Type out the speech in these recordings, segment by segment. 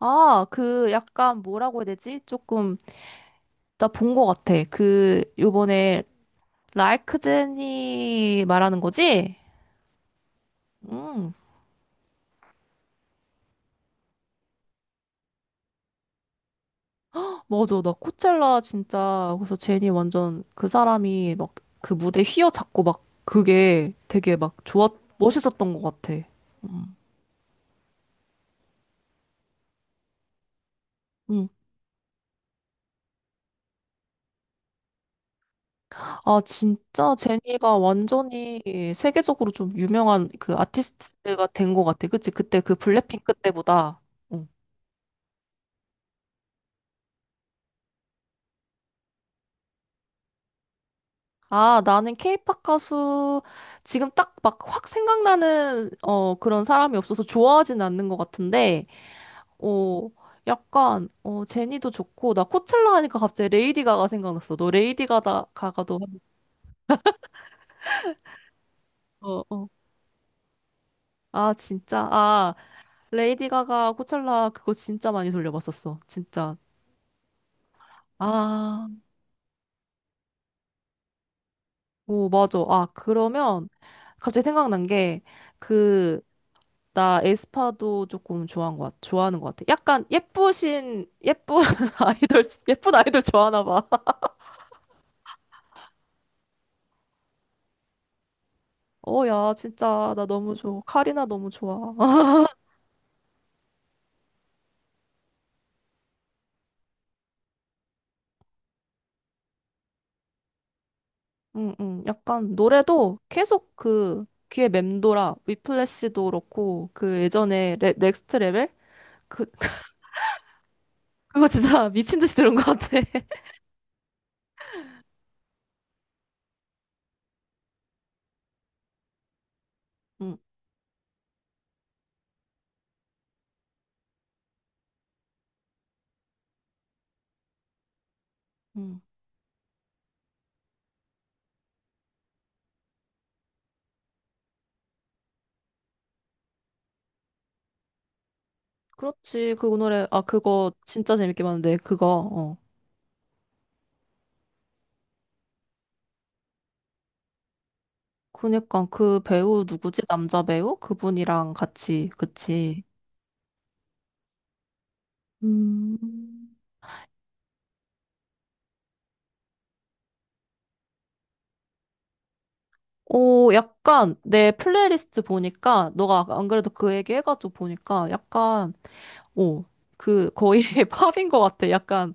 아, 그 약간 뭐라고 해야 되지? 조금 나 본 것 같아. 그 요번에 라이크제니 말하는 거지? 음, 맞아. 나 코첼라 진짜 그래서 제니 완전 그 사람이 막 그 무대 휘어잡고 막 그게 되게 막 좋았 멋있었던 것 같아. 음. 아, 진짜 제니가 완전히 세계적으로 좀 유명한 그 아티스트가 된 것 같아. 그치? 그때 그 블랙핑크 때보다. 어. 아, 나는 케이팝 가수 지금 딱 막 확 생각나는 그런 사람이 없어서 좋아하진 않는 것 같은데 어 약간 제니도 좋고 나 코첼라 하니까 갑자기 레이디 가가 생각났어. 너 레이디 가다 가가도 어 어. 아, 진짜. 아, 레이디 가가 코첼라 그거 진짜 많이 돌려봤었어. 진짜. 아, 오, 맞아. 아, 그러면 갑자기 생각난 게그 나 에스파도 조금 좋아한 것 같 좋아하는 것 같아. 약간 예쁜 아이돌, 예쁜 아이돌 좋아하나 봐. 어, 야, 진짜, 나 너무 좋아. 카리나 너무 좋아. 응, 응. 약간 노래도 계속 그 귀에 맴돌아. 위플래시도 그렇고, 그 예전에 넥스트 레벨? 그, 그거 진짜 미친 듯이 들은 것 같아. 응, 응. 그렇지. 그 노래, 아, 그거 진짜 재밌게 봤는데, 그거, 어. 그니까 그 배우 누구지? 남자 배우? 그분이랑 같이, 그치. 음. 오, 약간 내 플레이리스트 보니까 너가 아까 안 그래도 그 얘기 해가지고 보니까 약간 오, 그 거의 팝인 것 같아. 약간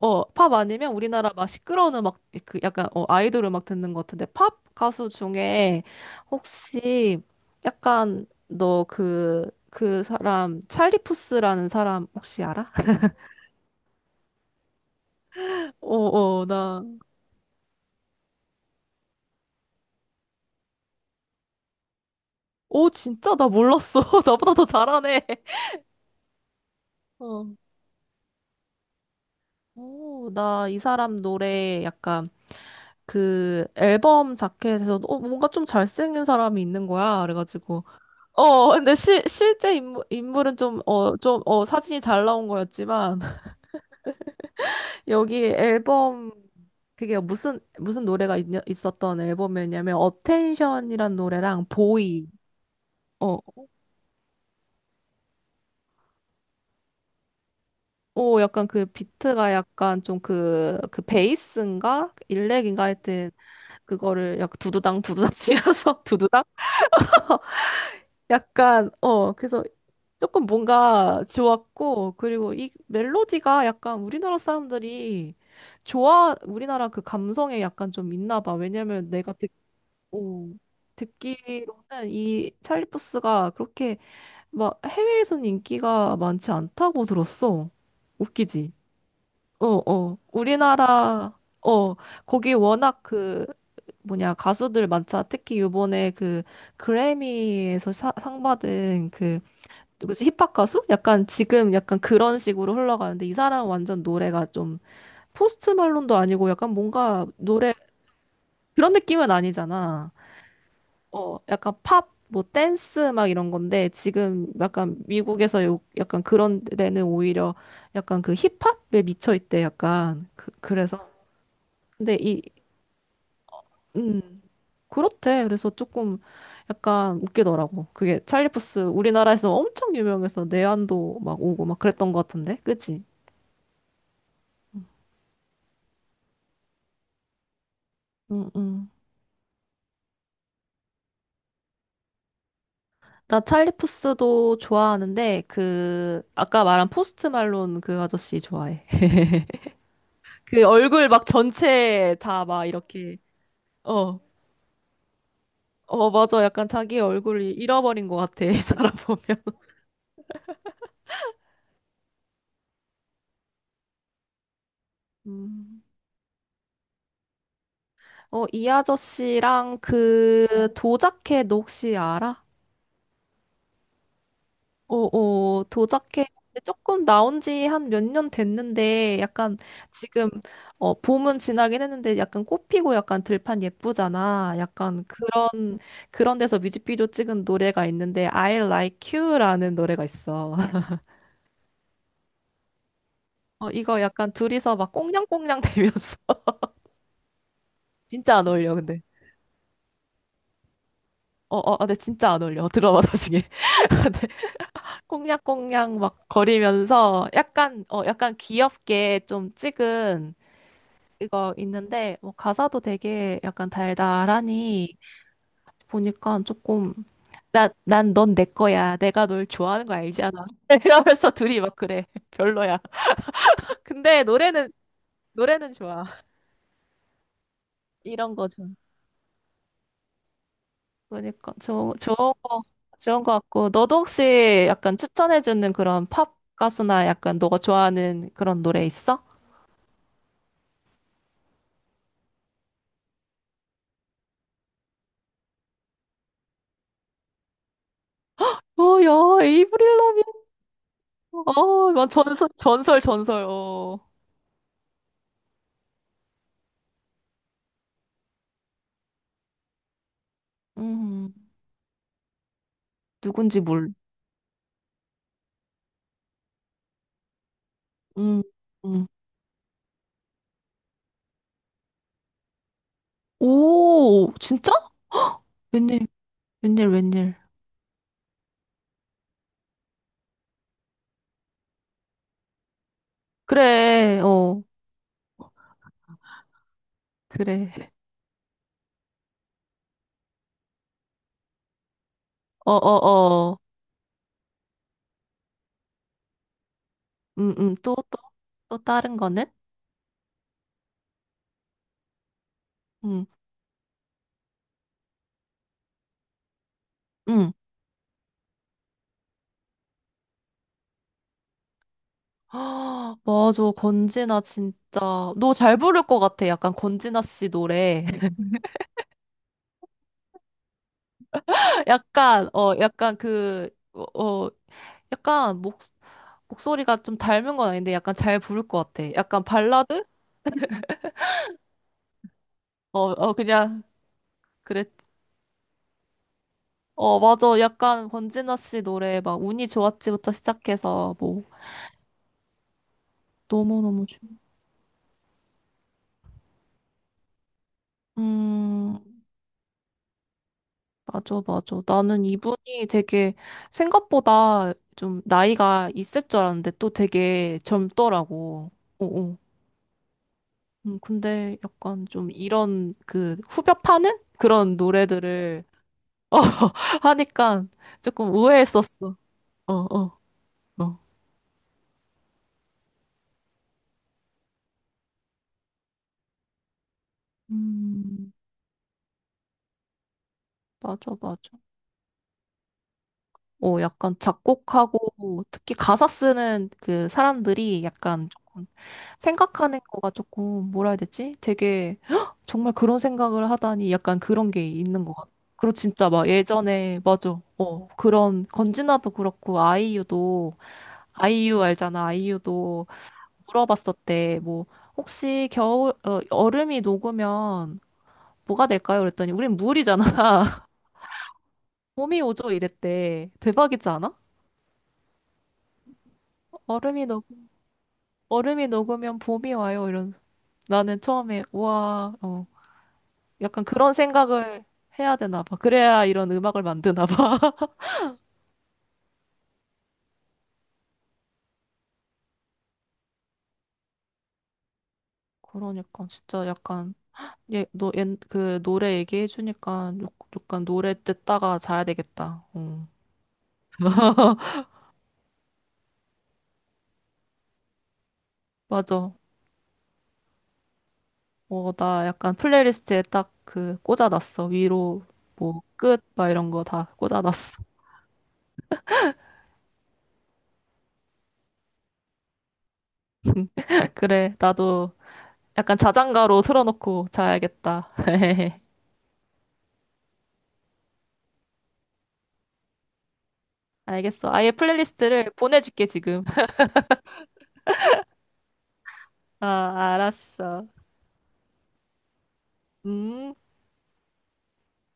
팝 아니면 우리나라 막 시끄러운 음악 그 약간 아이돌 음악 듣는 것 같은데 팝 가수 중에 혹시 약간 너 그 사람 찰리 푸스라는 사람 혹시 알아? 어, 어, 나. 오, 진짜 나 몰랐어. 나보다 더 잘하네. 어. 오, 나 이 사람 노래 약간 그 앨범 자켓에서 뭔가 좀 잘생긴 사람이 있는 거야. 그래가지고 근데 실제 인물은 좀 좀 사진이 잘 나온 거였지만 여기 앨범 그게 무슨 무슨 노래가 있었던 앨범이었냐면 어텐션이란 노래랑 보이 어 약간 그 비트가 약간 좀 그 베이스인가 일렉인가 하여튼 그거를 약간 두두당 두두당 치면서 두두당 약간, 그래서 조금 뭔가 좋았고, 그리고 이 멜로디가 약간 우리나라 사람들이 우리나라 그 감성에 약간 좀 있나 봐. 왜냐면 내가 어, 듣기로는 이 찰리 푸스가 그렇게 막 해외에서는 인기가 많지 않다고 들었어. 웃기지? 어, 어. 우리나라, 거기 워낙 그, 뭐냐 가수들 많자 특히 요번에 그 그래미에서 상 받은 그 누구지? 힙합 가수? 약간 지금 약간 그런 식으로 흘러가는데 이 사람 완전 노래가 좀 포스트 말론도 아니고 약간 뭔가 노래 그런 느낌은 아니잖아. 어, 약간 팝, 뭐 댄스 막 이런 건데 지금 약간 미국에서 약간 그런 데는 오히려 약간 그 힙합에 미쳐 있대 약간 그, 그래서 근데 이 음, 그렇대. 그래서 조금 약간 웃기더라고. 그게 찰리푸스 우리나라에서 엄청 유명해서 내한도 막 오고 막 그랬던 것 같은데, 그치? 음, 음. 나 찰리 푸스도 좋아하는데 그 아까 말한 포스트 말론 그 아저씨 좋아해. 그 얼굴 막 전체 다 막 이렇게 어. 어, 맞아. 약간 자기 얼굴 잃어버린 것 같아. 이 사람 보면. 음. 어, 이 아저씨랑 그 도자켓 너 혹시 알아? 어, 어, 도자켓 조금 나온 지 한 몇 년 됐는데 약간 지금 봄은 지나긴 했는데 약간 꽃피고 약간 들판 예쁘잖아. 약간 그 그런 데서 뮤직비디오 찍은 노래가 있는데 I Like You라는 노래가 있어. 어, 이거 약간 둘이서 막 꽁냥꽁냥 대면서 진짜 안 어울려 근데. 어, 어, 어, 근데 진짜 안 어울려. 들어봐 나중에. 근데 꽁냥꽁냥 막 거리면서 약간 약간 귀엽게 좀 찍은 이거 있는데 뭐 가사도 되게 약간 달달하니 보니까 조금 난 넌 내 거야. 내가 널 좋아하는 거 알잖아. 이러면서 둘이 막 그래. 별로야. 근데 노래는 좋아. 이런 거죠. 그러니까 저 거 좋은 거 같고 너도 혹시 약간 추천해주는 그런 팝 가수나 약간 너가 좋아하는 그런 노래 있어? 어, 야, 에이브릴 라빈. 어, 막 전설 전설 전설. 어, 음, 누군지 몰. 음, 음. 오, 진짜? 웬일 웬일 웬일. 그래, 그래. 어, 어, 어. 또, 또, 또 다른 거는? 음, 음. 아, 맞아. 권진아 진짜 너 잘 부를 것 같아. 약간 권진아 씨 노래. 약간 약간 그 약간 목 목소리가 좀 닮은 건 아닌데 약간 잘 부를 것 같아. 약간 발라드? 어, 어 그냥 그랬. 어, 맞아. 약간 권진아 씨 노래 막 운이 좋았지부터 시작해서 뭐 너무너무 좋. 음. 맞아, 맞아. 나는 이분이 되게 생각보다 좀 나이가 있을 줄 알았는데 또 되게 젊더라고. 어어. 근데 약간 좀 이런 그 후벼 파는 그런 노래들을 하니까 조금 의외했었어. 어, 어, 어. 음, 맞아, 맞아. 어, 약간 작곡하고 특히 가사 쓰는 그 사람들이 약간 생각하는 거가 조금 뭐라 해야 되지? 되게 "헉! 정말 그런 생각을 하다니 약간 그런 게 있는 것 같아. 그리고 진짜 막 예전에 맞아. 그런 건진아도 그렇고 아이유도 아이유 알잖아. 아이유도 물어봤었대. 뭐 혹시 겨울 얼음이 녹으면 뭐가 될까요? 그랬더니 우린 물이잖아. 봄이 오죠 이랬대. 대박이지 않아? 얼음이 녹 얼음이 녹으면 봄이 와요. 이런 나는 처음에 와 약간 그런 생각을 해야 되나 봐. 그래야 이런 음악을 만드나 봐. 그러니까 진짜 약간 그 노래 얘기해 주니까 약간 노래 듣다가 자야 되겠다. 어. 맞아. 어, 나 약간 플레이리스트에 딱 그 꽂아놨어. 위로 뭐 끝 막 이런 거 다 꽂아놨어. 그래. 나도 약간 자장가로 틀어놓고 자야겠다. 알겠어. 아예 플레이리스트를 보내줄게 지금. 아, 알았어. 음.